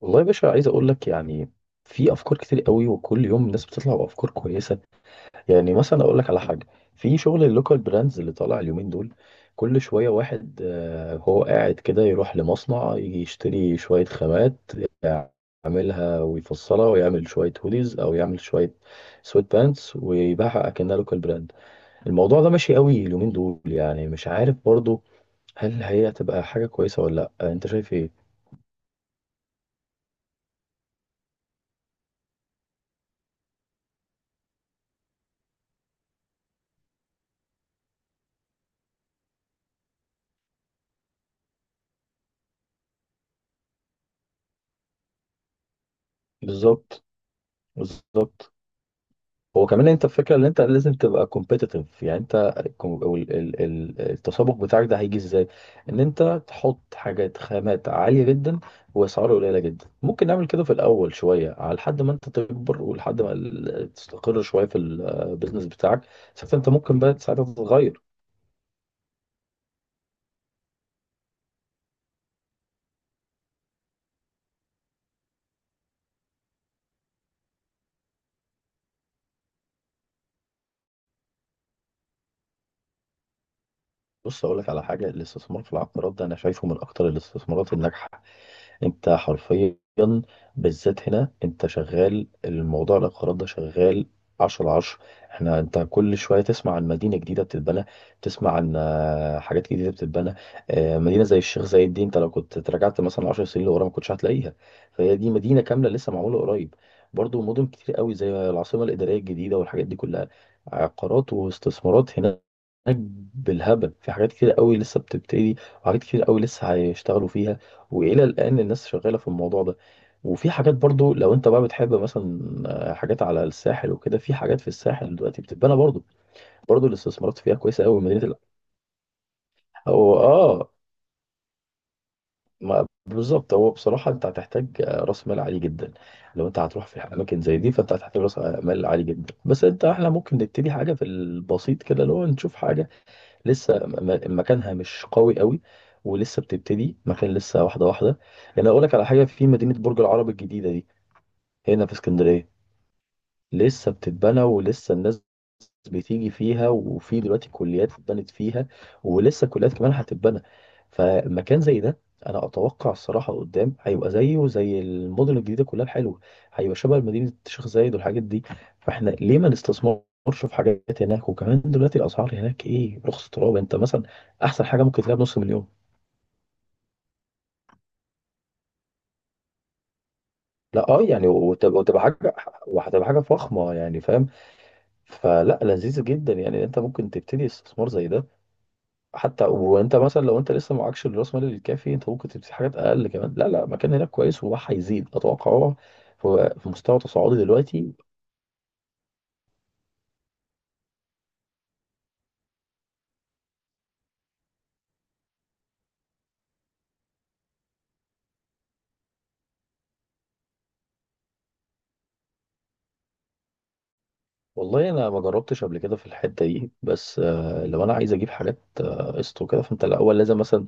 والله يا باشا عايز اقول لك يعني في افكار كتير قوي، وكل يوم الناس بتطلع بافكار كويسه. يعني مثلا اقول لك على حاجه، في شغل اللوكال براندز اللي طالع اليومين دول. كل شويه واحد هو قاعد كده يروح لمصنع يجي يشتري شويه خامات، يعملها ويفصلها ويعمل شويه هوديز، او يعمل شويه سويت بانتس ويبيعها اكنها لوكال براند. الموضوع ده ماشي قوي اليومين دول. يعني مش عارف برضو هل هي هتبقى حاجه كويسه ولا لا. انت شايف ايه؟ بالظبط. بالظبط. هو كمان انت الفكره ان انت لازم تبقى كومبيتيتيف. يعني انت الكم- او ال- ال- ال- التسابق بتاعك ده هيجي ازاي؟ ان انت تحط حاجات خامات عاليه جدا واسعار قليله جدا. ممكن نعمل كده في الاول شويه، على لحد ما انت تكبر ولحد ما تستقر شويه في البيزنس بتاعك. ساعتها انت ممكن بقى ساعتها تتغير. بص اقول لك على حاجه، الاستثمار في العقارات ده انا شايفه من اكتر الاستثمارات الناجحه. انت حرفيا بالذات هنا انت شغال، الموضوع العقارات ده شغال 10 على 10. احنا انت كل شويه تسمع عن مدينه جديده بتتبنى، تسمع عن حاجات جديده بتتبنى. مدينه زي الشيخ زايد دي انت لو كنت تراجعت مثلا 10 سنين لورا، ما كنتش هتلاقيها. فهي دي مدينه كامله لسه معموله قريب. برضو مدن كتير قوي زي العاصمه الاداريه الجديده والحاجات دي كلها، عقارات واستثمارات هناك بالهبل. في حاجات كتير قوي لسه بتبتدي، وحاجات كتير قوي لسه هيشتغلوا فيها. والى الان الناس شغاله في الموضوع ده. وفي حاجات برضو لو انت بقى بتحب مثلا حاجات على الساحل وكده، في حاجات في الساحل دلوقتي بتتبنى برضو. برضو الاستثمارات فيها كويسه قوي. هو ما بالظبط. هو بصراحه انت هتحتاج راس مال عالي جدا. لو انت هتروح في اماكن زي دي فانت هتحتاج راس مال عالي جدا. بس انت احنا ممكن نبتدي حاجه في البسيط كده، اللي هو نشوف حاجه لسه مكانها مش قوي قوي، ولسه بتبتدي، مكان لسه واحده واحده. يعني اقول لك على حاجه، في مدينه برج العرب الجديده دي هنا في اسكندرية. لسه بتتبنى، ولسه الناس بتيجي فيها. وفي دلوقتي كليات اتبنت فيها، ولسه كليات كمان هتتبنى. فمكان زي ده انا اتوقع الصراحة قدام هيبقى زيه زي المدن الجديدة كلها الحلوة. هيبقى شبه مدينة الشيخ زايد والحاجات دي. فاحنا ليه ما نستثمرش في حاجات هناك؟ وكمان دلوقتي الاسعار هناك ايه، رخص تراب. انت مثلا احسن حاجة ممكن تلاقيها بنص مليون. لا اه، يعني وتبقى حاجة، وهتبقى حاجة فخمة، يعني فاهم. فلا، لذيذ جدا. يعني انت ممكن تبتدي استثمار زي ده حتى وانت مثلا لو انت لسه معكش الراس مال الكافي، انت ممكن تبتدي حاجات اقل كمان. لا لا، مكان هناك كويس وراح هيزيد اتوقع هو، هو في مستوى تصاعدي دلوقتي. والله انا ما جربتش قبل كده في الحته دي، بس لو انا عايز اجيب حاجات قسط وكده، فانت الاول لازم مثلا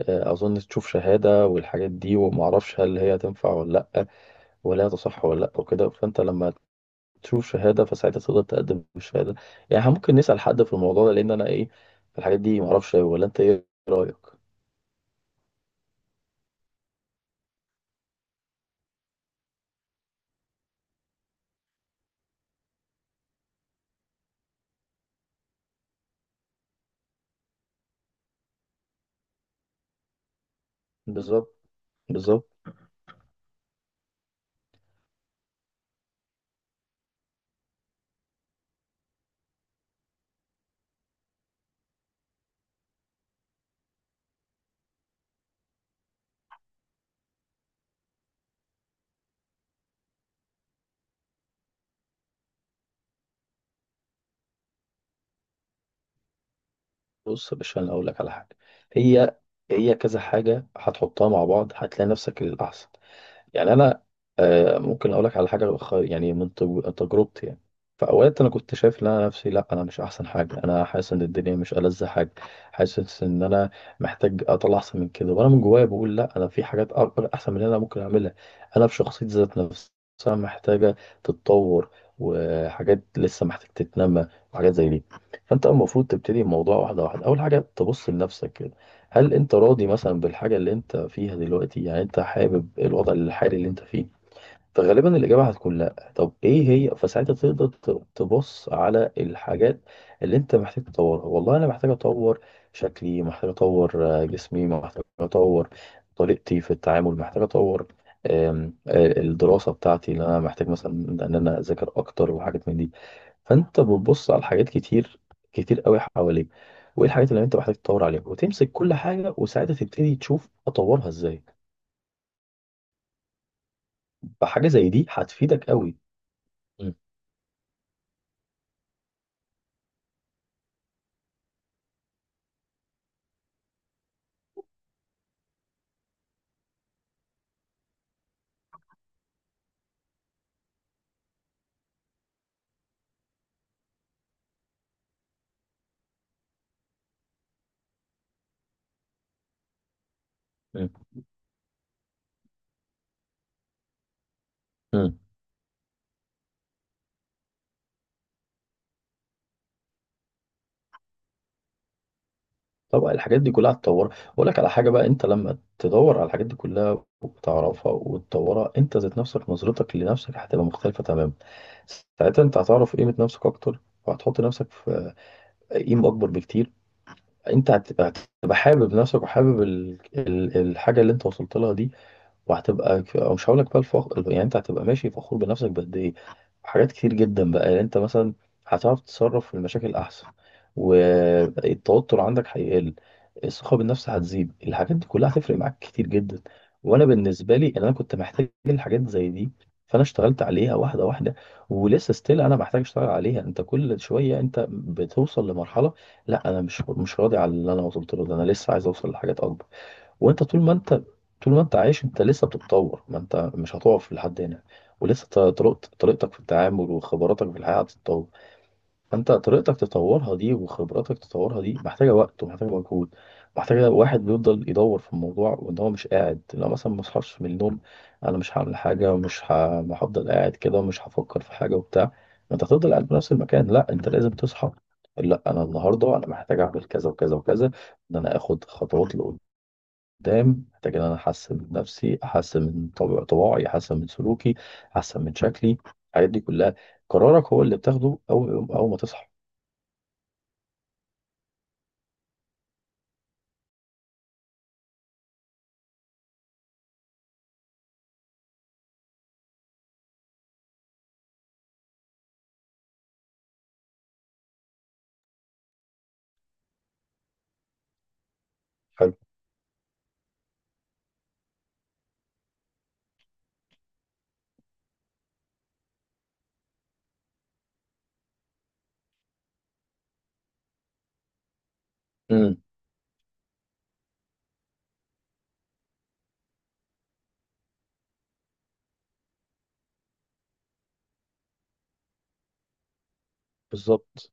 اظن تشوف شهاده والحاجات دي، وما اعرفش هل هي تنفع ولا لا، ولا هي تصح ولا لا وكده. فانت لما تشوف شهاده، فساعتها تقدر تقدم الشهاده. يعني إحنا ممكن نسال حد في الموضوع ده، لان انا ايه، في الحاجات دي ما اعرفش أوي، ولا انت ايه رايك؟ بالظبط. بالظبط. بص يا باشا انا اقول لك على حاجه، هي هي كذا حاجه هتحطها مع بعض هتلاقي نفسك الاحسن. يعني انا، ممكن اقول لك على حاجه، يعني من تجربتي يعني، في اوقات انا كنت شايف ان انا نفسي، لا انا مش احسن حاجه، انا حاسس ان الدنيا مش ألذ حاجه، حاسس ان انا محتاج اطلع احسن من كده. وانا من جوايا بقول لا، انا في حاجات اكبر احسن من اللي انا ممكن اعملها. انا في شخصيتي ذات نفسها محتاجه تتطور، وحاجات لسه محتاج تتنمى، وحاجات زي دي. فانت المفروض تبتدي الموضوع واحده واحده. اول حاجه تبص لنفسك، هل انت راضي مثلا بالحاجة اللي انت فيها دلوقتي؟ يعني انت حابب الوضع الحالي اللي انت فيه؟ فغالبا الإجابة هتكون لأ. طب إيه هي؟ فساعتها تقدر تبص على الحاجات اللي أنت محتاج تطورها. والله أنا محتاج أطور شكلي، محتاج أطور جسمي، محتاج أطور طريقتي في التعامل، محتاج أطور آم، آه، الدراسة بتاعتي اللي أنا محتاج مثلا إن أنا أذاكر أكتر، وحاجات من دي. فأنت بتبص على حاجات كتير، كتير قوي حواليك، وإيه الحاجات اللي أنت محتاج تطور عليها، وتمسك كل حاجة وساعتها تبتدي تشوف أطورها إزاي. فحاجة زي دي هتفيدك قوي. مم. طبعا الحاجات دي كلها هتطورها. اقول لك على حاجه بقى، انت لما تدور على الحاجات دي كلها وتعرفها وتطورها، انت ذات نفسك نظرتك لنفسك هتبقى مختلفه تماما. ساعتها انت هتعرف قيمه نفسك اكتر، وهتحط نفسك في قيمه اكبر بكتير. انت هتبقى، هتبقى حابب نفسك، وحابب الحاجه اللي انت وصلت لها دي. وهتبقى ك- أو مش هقول لك بقى الفخر، يعني انت هتبقى ماشي فخور بنفسك بقد ايه. حاجات كتير جدا بقى، يعني انت مثلا هتعرف تتصرف في المشاكل احسن، والتوتر عندك هيقل، الثقه بالنفس هتزيد. الحاجات دي كلها هتفرق معاك كتير جدا. وانا بالنسبه لي، إن انا كنت محتاج الحاجات زي دي، فانا اشتغلت عليها واحده واحده. ولسه ستيل انا محتاج اشتغل عليها. انت كل شويه انت بتوصل لمرحله، لا انا مش راضي على اللي انا وصلت له ده، انا لسه عايز اوصل لحاجات اكبر. وانت طول ما انت طول ما انت عايش انت لسه بتتطور، ما انت مش هتقف لحد هنا. ولسه طريقتك في التعامل وخبراتك في الحياة هتتطور. فانت طريقتك تطورها دي، وخبراتك تطورها دي، محتاجة وقت ومحتاجة مجهود، محتاجة واحد بيفضل يدور في الموضوع، وان هو مش قاعد لو مثلا ما اصحاش من النوم. انا مش هعمل حاجة، ومش ه- ما هفضل قاعد كده، ومش هفكر في حاجة وبتاع. ما انت هتفضل قاعد في نفس المكان. لا انت لازم تصحى. لا انا النهارده انا محتاج اعمل كذا وكذا وكذا. ان انا اخد خطوات قدام، محتاج ان انا احسن من نفسي، احسن من طباعي، احسن من سلوكي، احسن من شكلي، الحاجات دي كلها. قرارك هو اللي بتاخده اول ما تصحى. حلو. امم. بالظبط.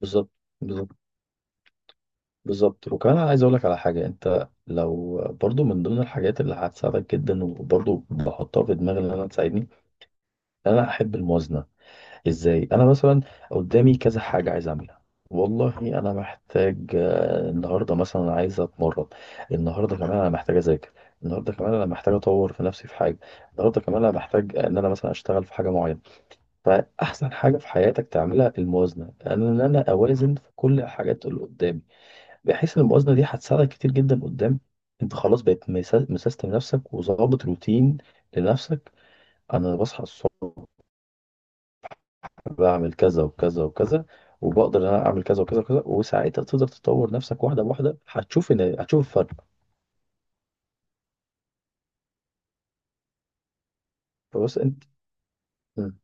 بالظبط. بالظبط. بالظبط. وكمان انا عايز اقول لك على حاجه، انت لو برضو من ضمن الحاجات اللي هتساعدك جدا، وبرضو بحطها في دماغي ان انا تساعدني، إن انا احب الموازنه. ازاي؟ انا مثلا قدامي كذا حاجه عايز اعملها. والله انا محتاج النهارده مثلا عايز اتمرن. النهارده كمان انا محتاج اذاكر. النهارده كمان انا محتاج اطور في نفسي في حاجه. النهارده كمان انا محتاج ان انا مثلا اشتغل في حاجه معينه. فاحسن حاجه في حياتك تعملها الموازنه، ان انا اوازن في كل الحاجات اللي قدامي، بحيث ان الموازنه دي هتساعدك كتير جدا قدام. انت خلاص بقيت مسيستم نفسك وظابط روتين لنفسك. انا بصحى الصبح، بعمل كذا وكذا وكذا، وبقدر ان انا اعمل كذا وكذا وكذا. وساعتها تقدر تطور نفسك واحده بواحده، هتشوف الفرق. بس انت. مم.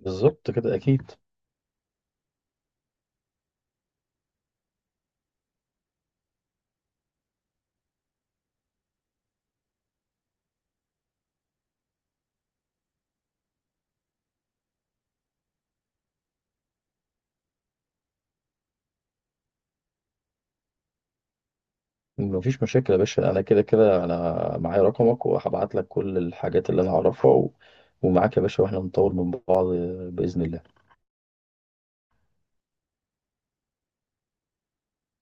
بالظبط كده اكيد. مفيش مشاكل يا باشا. انا كده كده انا معايا رقمك، وهبعت لك كل الحاجات اللي انا اعرفها و. ومعاك يا باشا، واحنا نطور من بعض باذن الله.